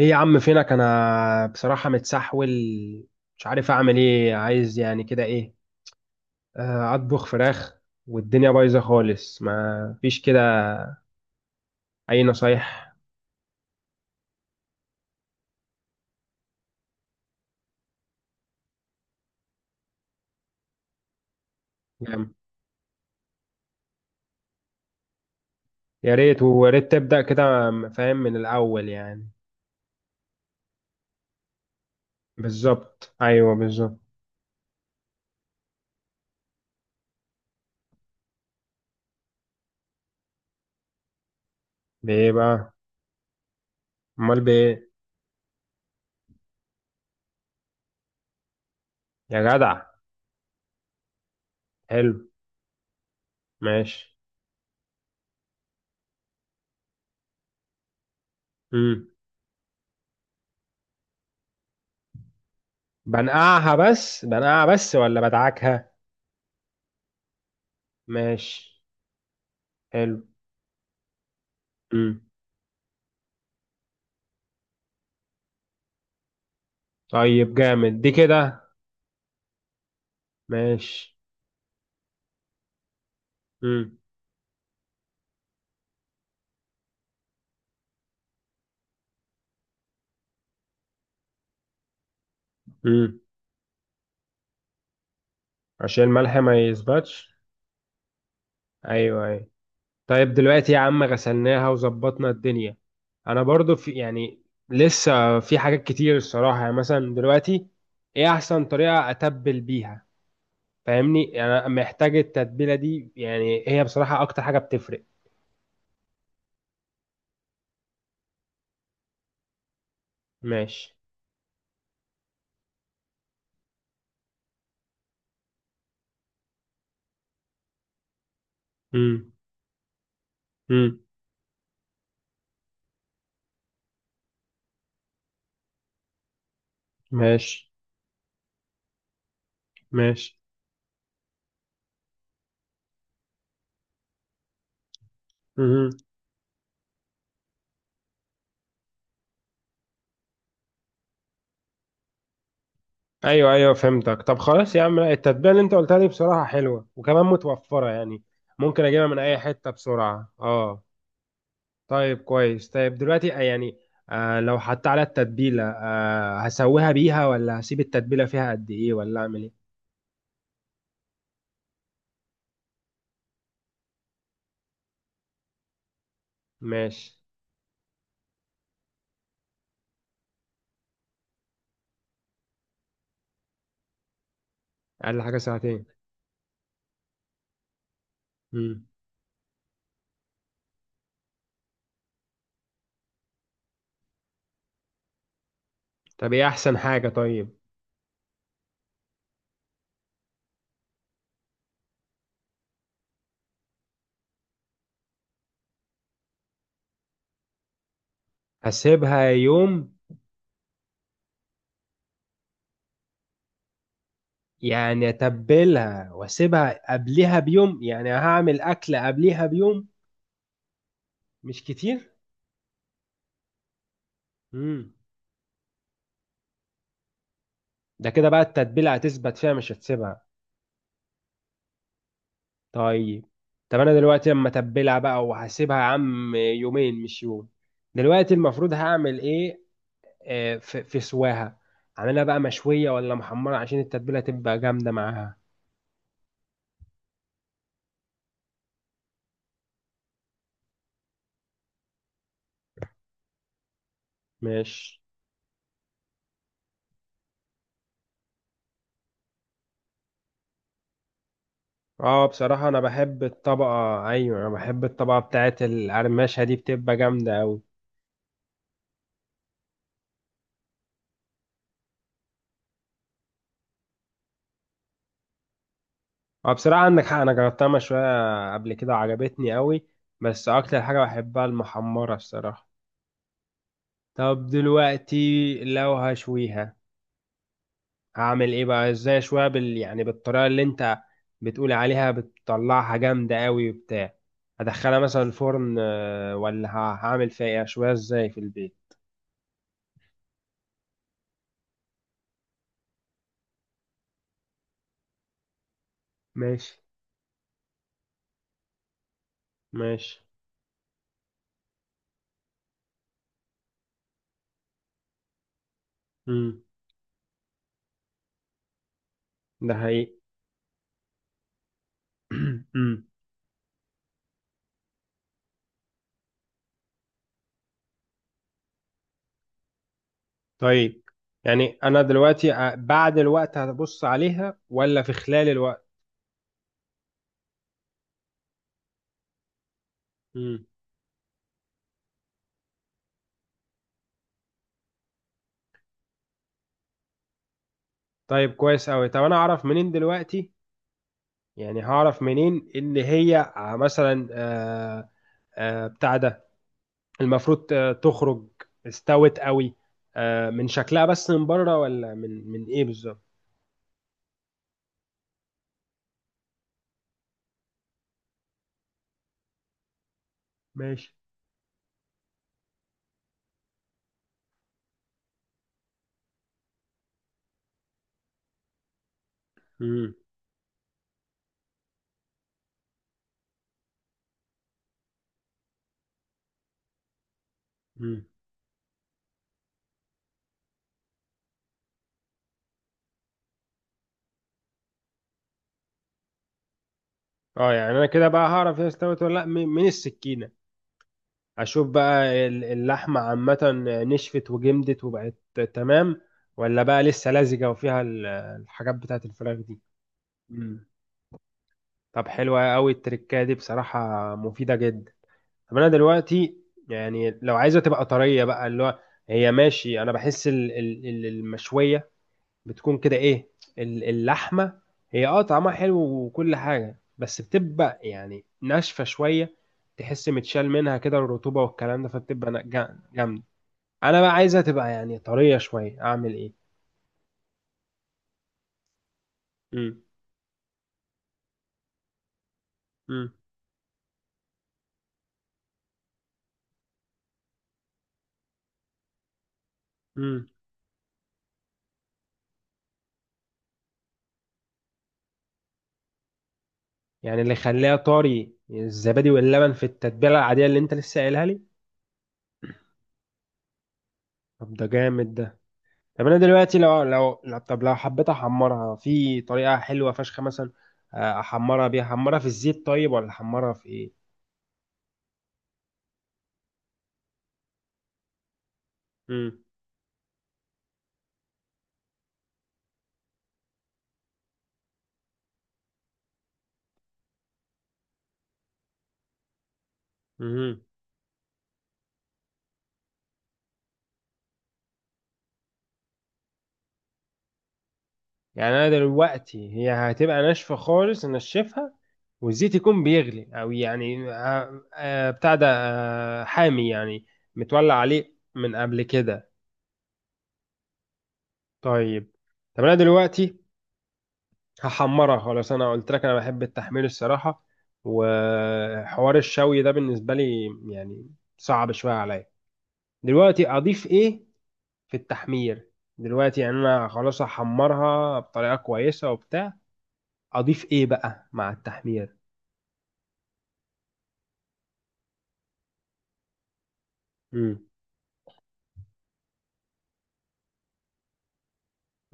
ايه يا عم؟ فينك؟ انا بصراحة متسحول، مش عارف اعمل ايه. عايز يعني كده ايه، اطبخ فراخ. والدنيا بايظة خالص، ما فيش كده اي نصايح. جامد. يا ريت، ويا ريت تبدأ كده. فاهم من الاول يعني. بالظبط، ايوه بالظبط. بايه بقى؟ امال بايه؟ يا جدع. حلو. ماشي. امم بنقعها بس ولا بدعكها؟ ماشي. حلو. امم طيب، جامد دي كده. ماشي. امم امم عشان الملح ما يثبتش. ايوه، ايوه. طيب دلوقتي يا عم غسلناها وظبطنا الدنيا. انا برضو في يعني، لسه في حاجات كتير الصراحه، يعني مثلا دلوقتي، ايه احسن طريقه اتبل بيها؟ فاهمني، انا محتاج التتبيله دي يعني. هي بصراحه اكتر حاجه بتفرق. ماشي. امم امم ماشي. ماشي. امم ايوه ايوه، فهمتك. طب خلاص يا عم. لا، التتبيله اللي انت قلتها دي بصراحه حلوه، وكمان متوفره يعني. ممكن اجيبها من اي حته بسرعه. اه. طيب كويس. طيب دلوقتي يعني، لو حطيت على التتبيلة، هسويها بيها؟ ولا هسيب التتبيلة فيها قد ايه؟ ولا اعمل ايه؟ ماشي. اقل حاجة ساعتين؟ مم. طب ايه احسن حاجة؟ طيب. هسيبها يوم؟ يعني اتبلها واسيبها قبلها بيوم، يعني هعمل اكل قبلها بيوم. مش كتير. مم. ده كده بقى التتبيلة هتثبت فيها، مش هتسيبها. طيب. طب انا دلوقتي اما اتبلها بقى وهسيبها يا عم يومين مش يوم، دلوقتي المفروض هعمل ايه؟ في سواها، اعملها بقى مشويه ولا محمره عشان التتبيله تبقى جامده معاها؟ ماشي. اه، بصراحه انا بحب الطبقه. ايوه، انا بحب الطبقه بتاعت القرمشه دي، بتبقى جامده قوي. اه، بصراحه عندك حق، انا جربتها مشويه قبل كده وعجبتني قوي. بس اكتر حاجه بحبها المحمره الصراحه. طب دلوقتي، لو هشويها، اعمل ايه بقى؟ ازاي شويه يعني بالطريقه اللي انت بتقول عليها، بتطلعها جامده قوي وبتاع؟ هدخلها مثلا الفرن، ولا هعمل فيها إيه؟ شويه ازاي في البيت؟ ماشي. ماشي. امم ده حقيقي. امم طيب. يعني انا دلوقتي بعد الوقت هبص عليها؟ ولا في خلال الوقت؟ امم طيب كويس قوي. طب انا اعرف منين دلوقتي؟ يعني هعرف منين ان هي مثلا، بتاع ده، المفروض تخرج، استوت قوي؟ من شكلها بس من بره؟ ولا من ايه بالظبط؟ ماشي. مم. مم. اه، يعني انا كده بقى هعرف هي استوت ولا لا من من السكينه. اشوف بقى اللحمه عامه، نشفت وجمدت وبقت تمام؟ ولا بقى لسه لزجه وفيها الحاجات بتاعت الفراخ دي؟ مم. طب، حلوه قوي التركه دي بصراحه، مفيده جدا. طب انا دلوقتي، يعني لو عايزه تبقى طريه بقى، اللي هو، هي ماشي، انا بحس المشويه بتكون كده ايه، اللحمه، هي اه طعمها حلو وكل حاجه، بس بتبقى يعني ناشفه شويه، تحس متشال منها كده الرطوبه والكلام ده، فبتبقى جامده. انا بقى عايزها تبقى يعني طريه شويه، اعمل ايه؟ امم امم امم يعني اللي يخليها طري الزبادي واللبن في التتبيله العاديه اللي انت لسه قايلها لي؟ طب ده جامد ده. طب انا دلوقتي طب لو حبيت احمرها في طريقه حلوه فشخه مثلا، احمرها بيها، احمرها في الزيت؟ طيب، ولا احمرها في ايه؟ امم امم يعني انا دلوقتي هي هتبقى ناشفه خالص، انشفها، والزيت يكون بيغلي، او يعني بتاع ده، حامي يعني، متولع عليه من قبل كده؟ طيب. طب انا دلوقتي هحمرها خلاص، انا قلت لك انا بحب التحمير الصراحه. وحوار الشوي ده بالنسبه لي يعني صعب شويه عليا. دلوقتي اضيف ايه في التحمير؟ دلوقتي يعني انا خلاص هحمرها بطريقه كويسه وبتاع، اضيف ايه بقى مع التحمير؟ امم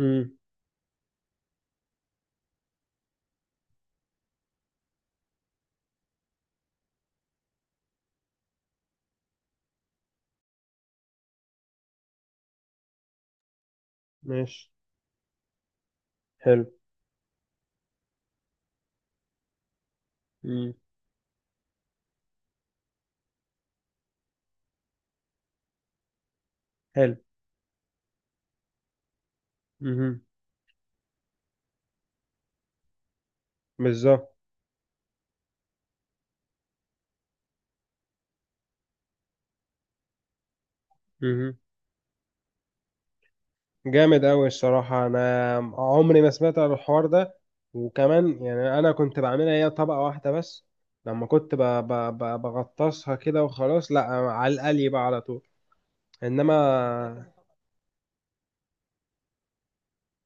امم ماشي. حلو. امم حلو. امم بالظبط. جامد أوي الصراحة، أنا عمري ما سمعت عن الحوار ده. وكمان يعني أنا كنت بعملها هي طبقة واحدة بس، لما كنت بغطسها كده وخلاص. لا، على القلي بقى على طول، إنما.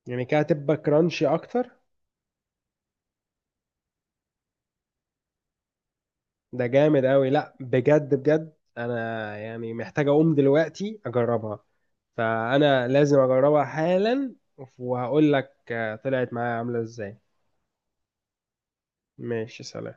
يعني كده هتبقى كرانشي أكتر؟ ده جامد أوي. لا بجد بجد، أنا يعني محتاج أقوم دلوقتي أجربها، فأنا لازم أجربها حالا. وهقول لك طلعت معايا عاملة إزاي. ماشي. سلام.